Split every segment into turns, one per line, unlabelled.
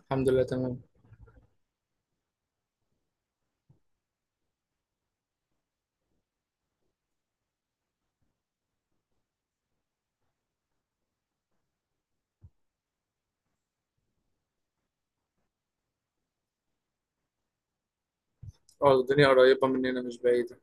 الحمد لله تمام. اه، الدنيا قريبة مننا مش بعيدة.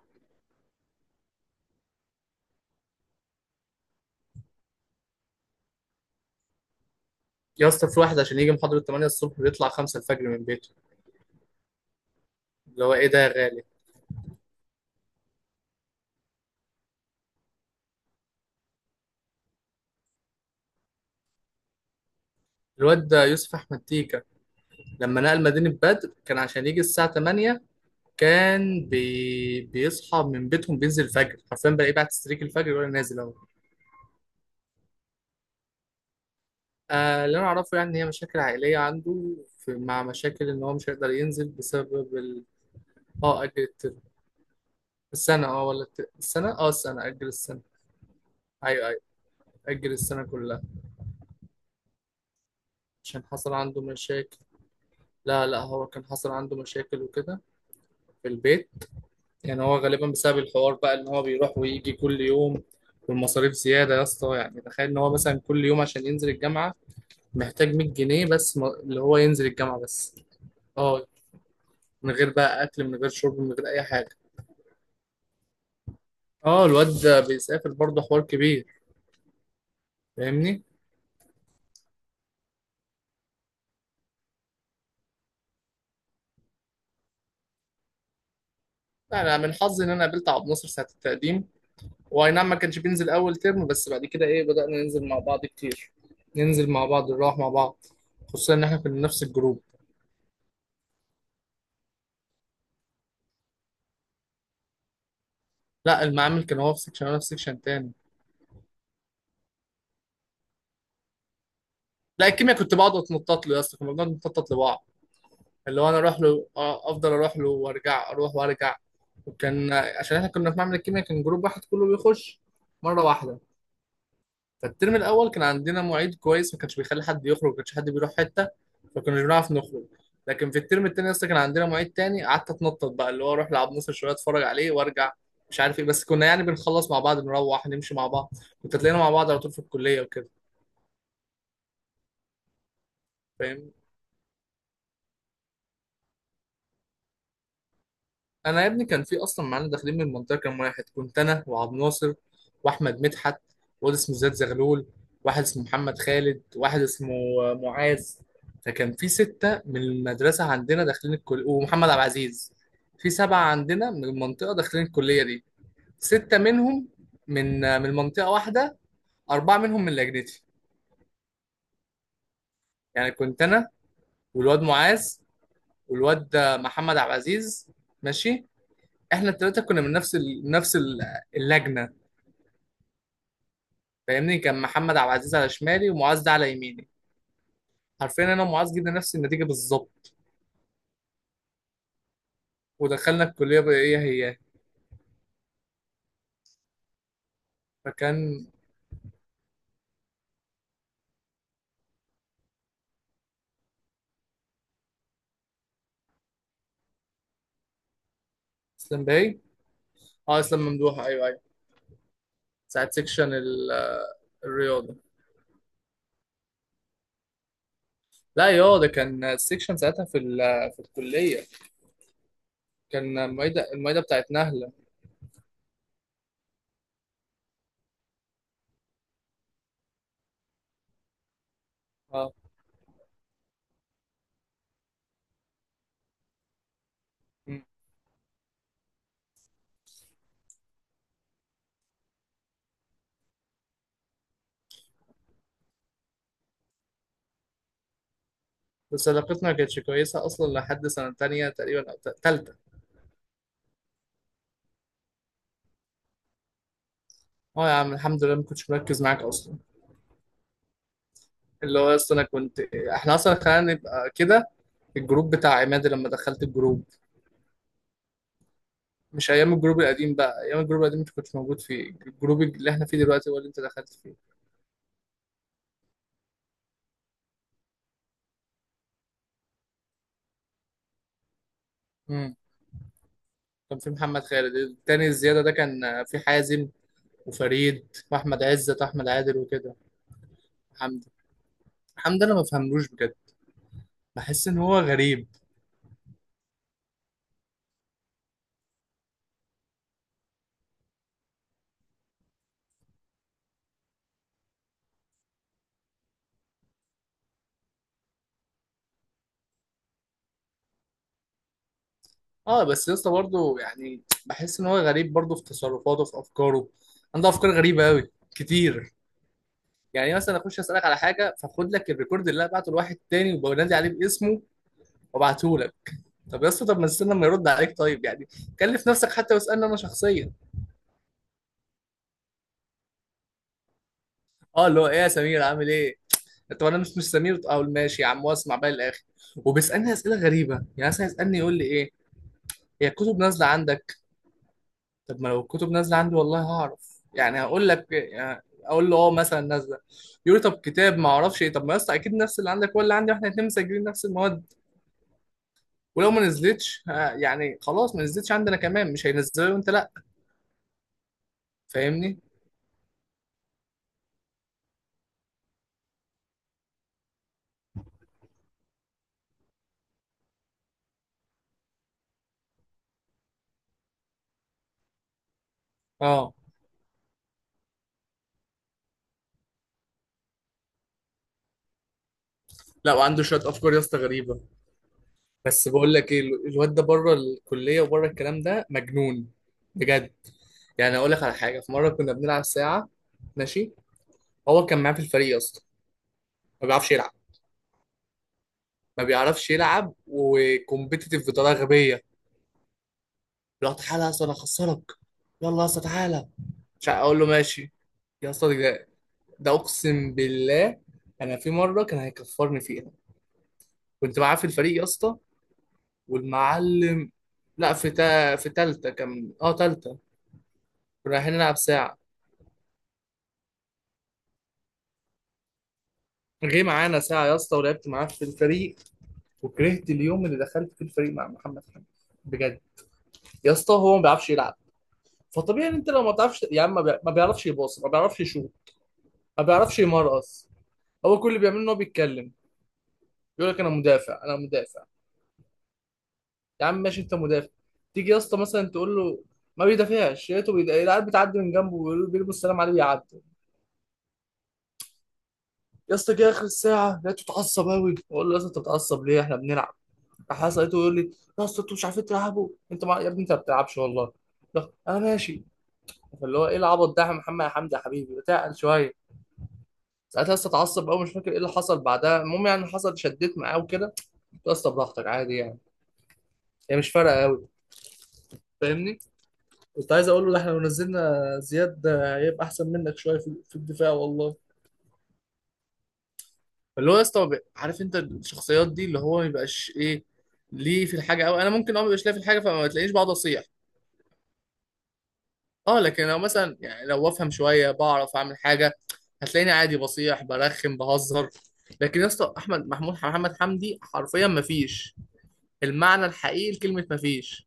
يا اسطى في واحد عشان يجي محاضرة 8 الصبح بيطلع 5 الفجر من بيته. اللي هو ايه ده يا غالي؟ الواد ده يوسف أحمد تيكا، لما نقل مدينة بدر كان عشان يجي الساعة 8. كان بيصحى من بيتهم، بينزل الفجر حرفيا، بلاقيه بعد تستريك الفجر ولا نازل اهو. آه، اللي انا اعرفه يعني هي مشاكل عائلية عنده مع مشاكل ان هو مش هيقدر ينزل بسبب اه اجل الترم. السنة، السنة اجل السنة. ايوه ايوه، اجل السنة كلها عشان حصل عنده مشاكل. لا لا، هو كان حصل عنده مشاكل وكده في البيت. يعني هو غالبا بسبب الحوار بقى ان هو بيروح ويجي كل يوم، والمصاريف زيادة يا اسطى. يعني تخيل ان هو مثلا كل يوم عشان ينزل الجامعة محتاج 100 جنيه بس، اللي هو ينزل الجامعة بس. اه، من غير بقى اكل، من غير شرب، من غير اي حاجة. اه الواد ده بيسافر برضه، حوار كبير. فاهمني. لا انا من حظي ان انا قابلت عبد الناصر ساعة التقديم. واي نعم ما كانش بينزل اول ترم، بس بعد كده ايه بدأنا ننزل مع بعض كتير. ننزل مع بعض نروح مع بعض، خصوصا ان احنا كنا نفس الجروب. لا، المعامل كان هو في سكشن وانا في سكشن تاني. لا الكيمياء كنت بقعد اتنطط له يا اسطى، كنا بنقعد نتنطط لبعض. اللي هو انا اروح له آه، افضل اروح له وارجع اروح وارجع. وكان عشان احنا كنا في معمل الكيمياء كان جروب واحد كله بيخش مرة واحدة. فالترم الاول كان عندنا معيد كويس ما كانش بيخلي حد يخرج، ما كانش حد بيروح حته، فكناش بنعرف نخرج. لكن في الترم التاني اصلا كان عندنا معيد تاني، قعدت اتنطط بقى، اللي هو اروح لعب نصر شويه اتفرج عليه وارجع. مش عارف ايه، بس كنا يعني بنخلص مع بعض نروح نمشي مع بعض، كنت هتلاقينا مع بعض على طول في الكليه وكده. فاهم. انا يا ابني كان في اصلا معانا داخلين من المنطقه كام واحد. كنت انا وعبد الناصر واحمد مدحت، واد اسمه زياد زغلول، واحد اسمه محمد خالد، واحد اسمه آه، معاذ. فكان في سته من المدرسه عندنا داخلين الكليه ومحمد عبد العزيز. في سبعه عندنا من المنطقه داخلين الكليه دي، سته منهم من آه، من منطقه واحده، اربعه منهم من لجنتي. يعني كنت انا والواد معاذ والواد آه، محمد عبد العزيز، ماشي. احنا الثلاثه كنا من نفس اللجنه. فاهمني. كان محمد عبد العزيز على شمالي ومعاذ ده على يميني. حرفيا انا ومعاذ جبنا نفس النتيجه بالظبط ودخلنا الكليه بايه هي. فكان اسلام باي. اه اسلام ممدوح، ايوه ايوه. ساعه سيكشن الرياضه. لا يا ده كان السيكشن ساعتها في الكليه. كان المعيده بتاعت نهله. اه. مم. بس علاقتنا ما كانتش كويسه اصلا لحد سنه تانية تقريبا او تالته. اه يا عم الحمد لله ما كنتش مركز معاك اصلا. اللي هو اصلا انا كنت، احنا اصلا خلينا نبقى كده، الجروب بتاع عماد لما دخلت الجروب. مش ايام الجروب القديم بقى، ايام الجروب القديم انت كنتش موجود فيه، الجروب اللي احنا فيه دلوقتي هو اللي انت دخلت فيه. امم. كان في محمد خالد التاني الزياده ده، كان في حازم وفريد واحمد عزت واحمد عادل وكده. حمدي. حمدي انا ما بفهملوش بجد، بحس ان هو غريب. اه بس يا اسطى برضه يعني بحس ان هو غريب برضه، في تصرفاته في افكاره، عنده افكار غريبه قوي كتير. يعني مثلا اخش اسالك على حاجه فاخد لك الريكورد اللي انا بعته لواحد تاني وبنادي عليه باسمه وابعته لك. طب يا اسطى طب ما تستنى ما يرد عليك طيب يعني، كلف نفسك حتى واسالني انا شخصيا. اه اللي هو ايه يا سمير عامل ايه. طب انا مش سمير. اه ماشي يا عم، واسمع بقى الاخر. وبيسالني اسئله غريبه، يعني مثلا يسالني يقول لي ايه، هي الكتب نازله عندك. طب ما لو الكتب نازله عندي والله هعرف يعني، هقول لك يعني اقول له اه مثلا نازله. يقول لي طب كتاب ما اعرفش ايه. طب ما يا اسطى اكيد نفس اللي عندك ولا عندي، واحنا الاثنين مسجلين نفس المواد. ولو ما نزلتش آه، يعني خلاص ما نزلتش عندنا كمان، مش هينزلها وانت لا. فاهمني. اه. لا وعنده شويه افكار يا اسطى غريبه. بس بقول لك ايه، الواد ده بره الكليه وبره الكلام ده مجنون بجد. يعني اقول لك على حاجه، في مره كنا بنلعب ساعه، ماشي، هو كان معاه في الفريق اصلا. ما بيعرفش يلعب. ما بيعرفش يلعب وكومبيتيتيف بطريقه غبيه. لا تعالى يا اسطى انا هخسرك، يلا يا اسطى تعالى. مش عارف اقول له ماشي. يا اسطى ده اقسم بالله انا في مره كان هيكفرني فيها. كنت معاه في الفريق يا اسطى والمعلم. لا في تالتة كان، اه تالتة. كنا رايحين نلعب ساعه، جه معانا ساعة يا اسطى، ولعبت معاه في الفريق وكرهت اليوم اللي دخلت في الفريق مع محمد حمدي بجد. يا اسطى هو ما بيعرفش يلعب. فطبيعي ان انت لو ما بتعرفش يا عم، ما بيعرفش يباص، ما بيعرفش يشوط، ما بيعرفش يمرقص. هو كل اللي بيعمله ان هو بيتكلم. يقول لك انا مدافع انا مدافع. يا عم ماشي انت مدافع. تيجي يا اسطى مثلا تقول له، ما بيدافعش، لقيته العيال بتعدي من جنبه ويقول له بيرموا السلام عليه بيعدي. يا اسطى جه اخر الساعه لقيته اتعصب قوي، بقول له يا اسطى انت بتعصب ليه احنا بنلعب؟ راح أسأل لقيته يقول لي، يا اسطى انتوا مش عارفين تلعبوا، انت يا ابني انت ما بتلعبش والله. لا، انا ماشي. فاللي هو ايه العبط ده يا محمد يا حمدي يا حبيبي، تعقل شويه. ساعتها لسه اتعصب قوي، مش فاكر ايه اللي حصل بعدها. المهم يعني حصل شديت معاه وكده، قلت له يا اسطى براحتك عادي يعني، هي مش فارقه قوي. فاهمني. كنت عايز اقول له، ده احنا لو نزلنا زياد هيبقى احسن منك شويه في الدفاع والله. فاللي هو يا اسطى عارف انت الشخصيات دي اللي هو ما يبقاش ايه ليه في الحاجه قوي، انا ممكن اه ما يبقاش ليه في الحاجه فما تلاقينيش بقعد اصيح. اه لكن لو مثلا يعني لو افهم شويه بعرف اعمل حاجه، هتلاقيني عادي بصيح برخم بهزر. لكن يا اسطى احمد محمود محمد حمدي حرفيا مفيش، المعنى الحقيقي لكلمه مفيش.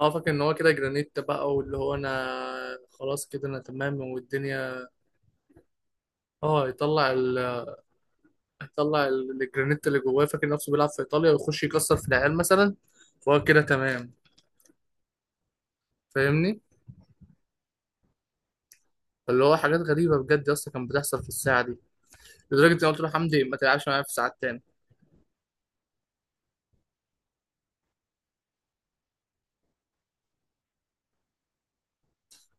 اه فاكر ان هو كده جرانيت بقى، واللي هو انا خلاص كده انا تمام والدنيا. اه يطلع يطلع الجرانيت اللي جواه، فاكر نفسه بيلعب في ايطاليا ويخش يكسر في العيال مثلا، فهو كده تمام. فاهمني. اللي هو حاجات غريبه بجد يا اسطى كانت بتحصل في الساعه دي، لدرجه ان أنا قلت له حمدي ما تلعبش معايا في ساعات تاني.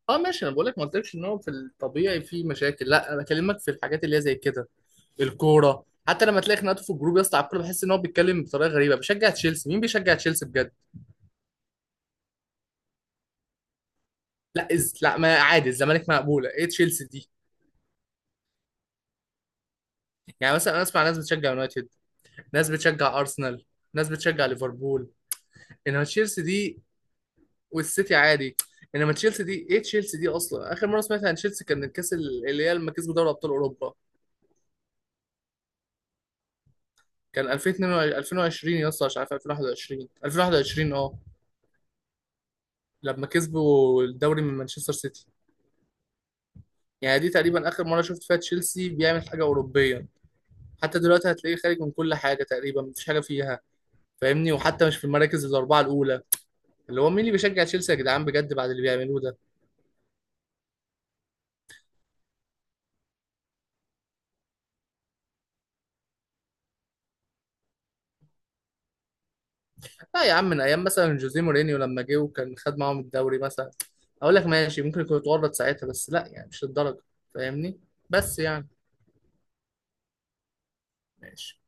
اه ماشي انا بقول لك، ما قلتلكش ان هو في الطبيعي في مشاكل، لا انا بكلمك في الحاجات اللي هي زي كده. الكوره حتى لما تلاقي خناقاته في الجروب يا اسطى على الكوره، بحس ان هو بيتكلم بطريقه غريبه، بشجع تشيلسي، مين بيشجع تشيلسي بجد؟ لا لا ما عادي، الزمالك مقبوله، ايه تشيلسي دي؟ يعني مثلا انا اسمع ناس بتشجع يونايتد، ناس بتشجع ارسنال، ناس بتشجع ليفربول، انما تشيلسي دي، والسيتي عادي، انما تشيلسي دي، ايه تشيلسي دي اصلا؟ اخر مره سمعت عن تشيلسي كان الكاس اللي هي لما كسبوا دوري ابطال اوروبا، كان 2022 2020 يا اسطى مش عارف 2021 2021. اه لما كسبوا الدوري من مانشستر سيتي، يعني دي تقريبا اخر مره شفت فيها تشيلسي بيعمل حاجه اوروبيه. حتى دلوقتي هتلاقيه خارج من كل حاجه تقريبا، مفيش حاجه فيها. فاهمني. وحتى مش في المراكز الاربعه الاولى، اللي هو مين اللي بيشجع تشيلسي يا جدعان بجد بعد اللي بيعملوه ده؟ لا يا عم من ايام مثلا جوزيه مورينيو لما جه وكان خد معاهم الدوري مثلا، اقول لك ماشي ممكن يكون اتورط ساعتها، بس لا يعني مش للدرجه. فاهمني. بس يعني ماشي.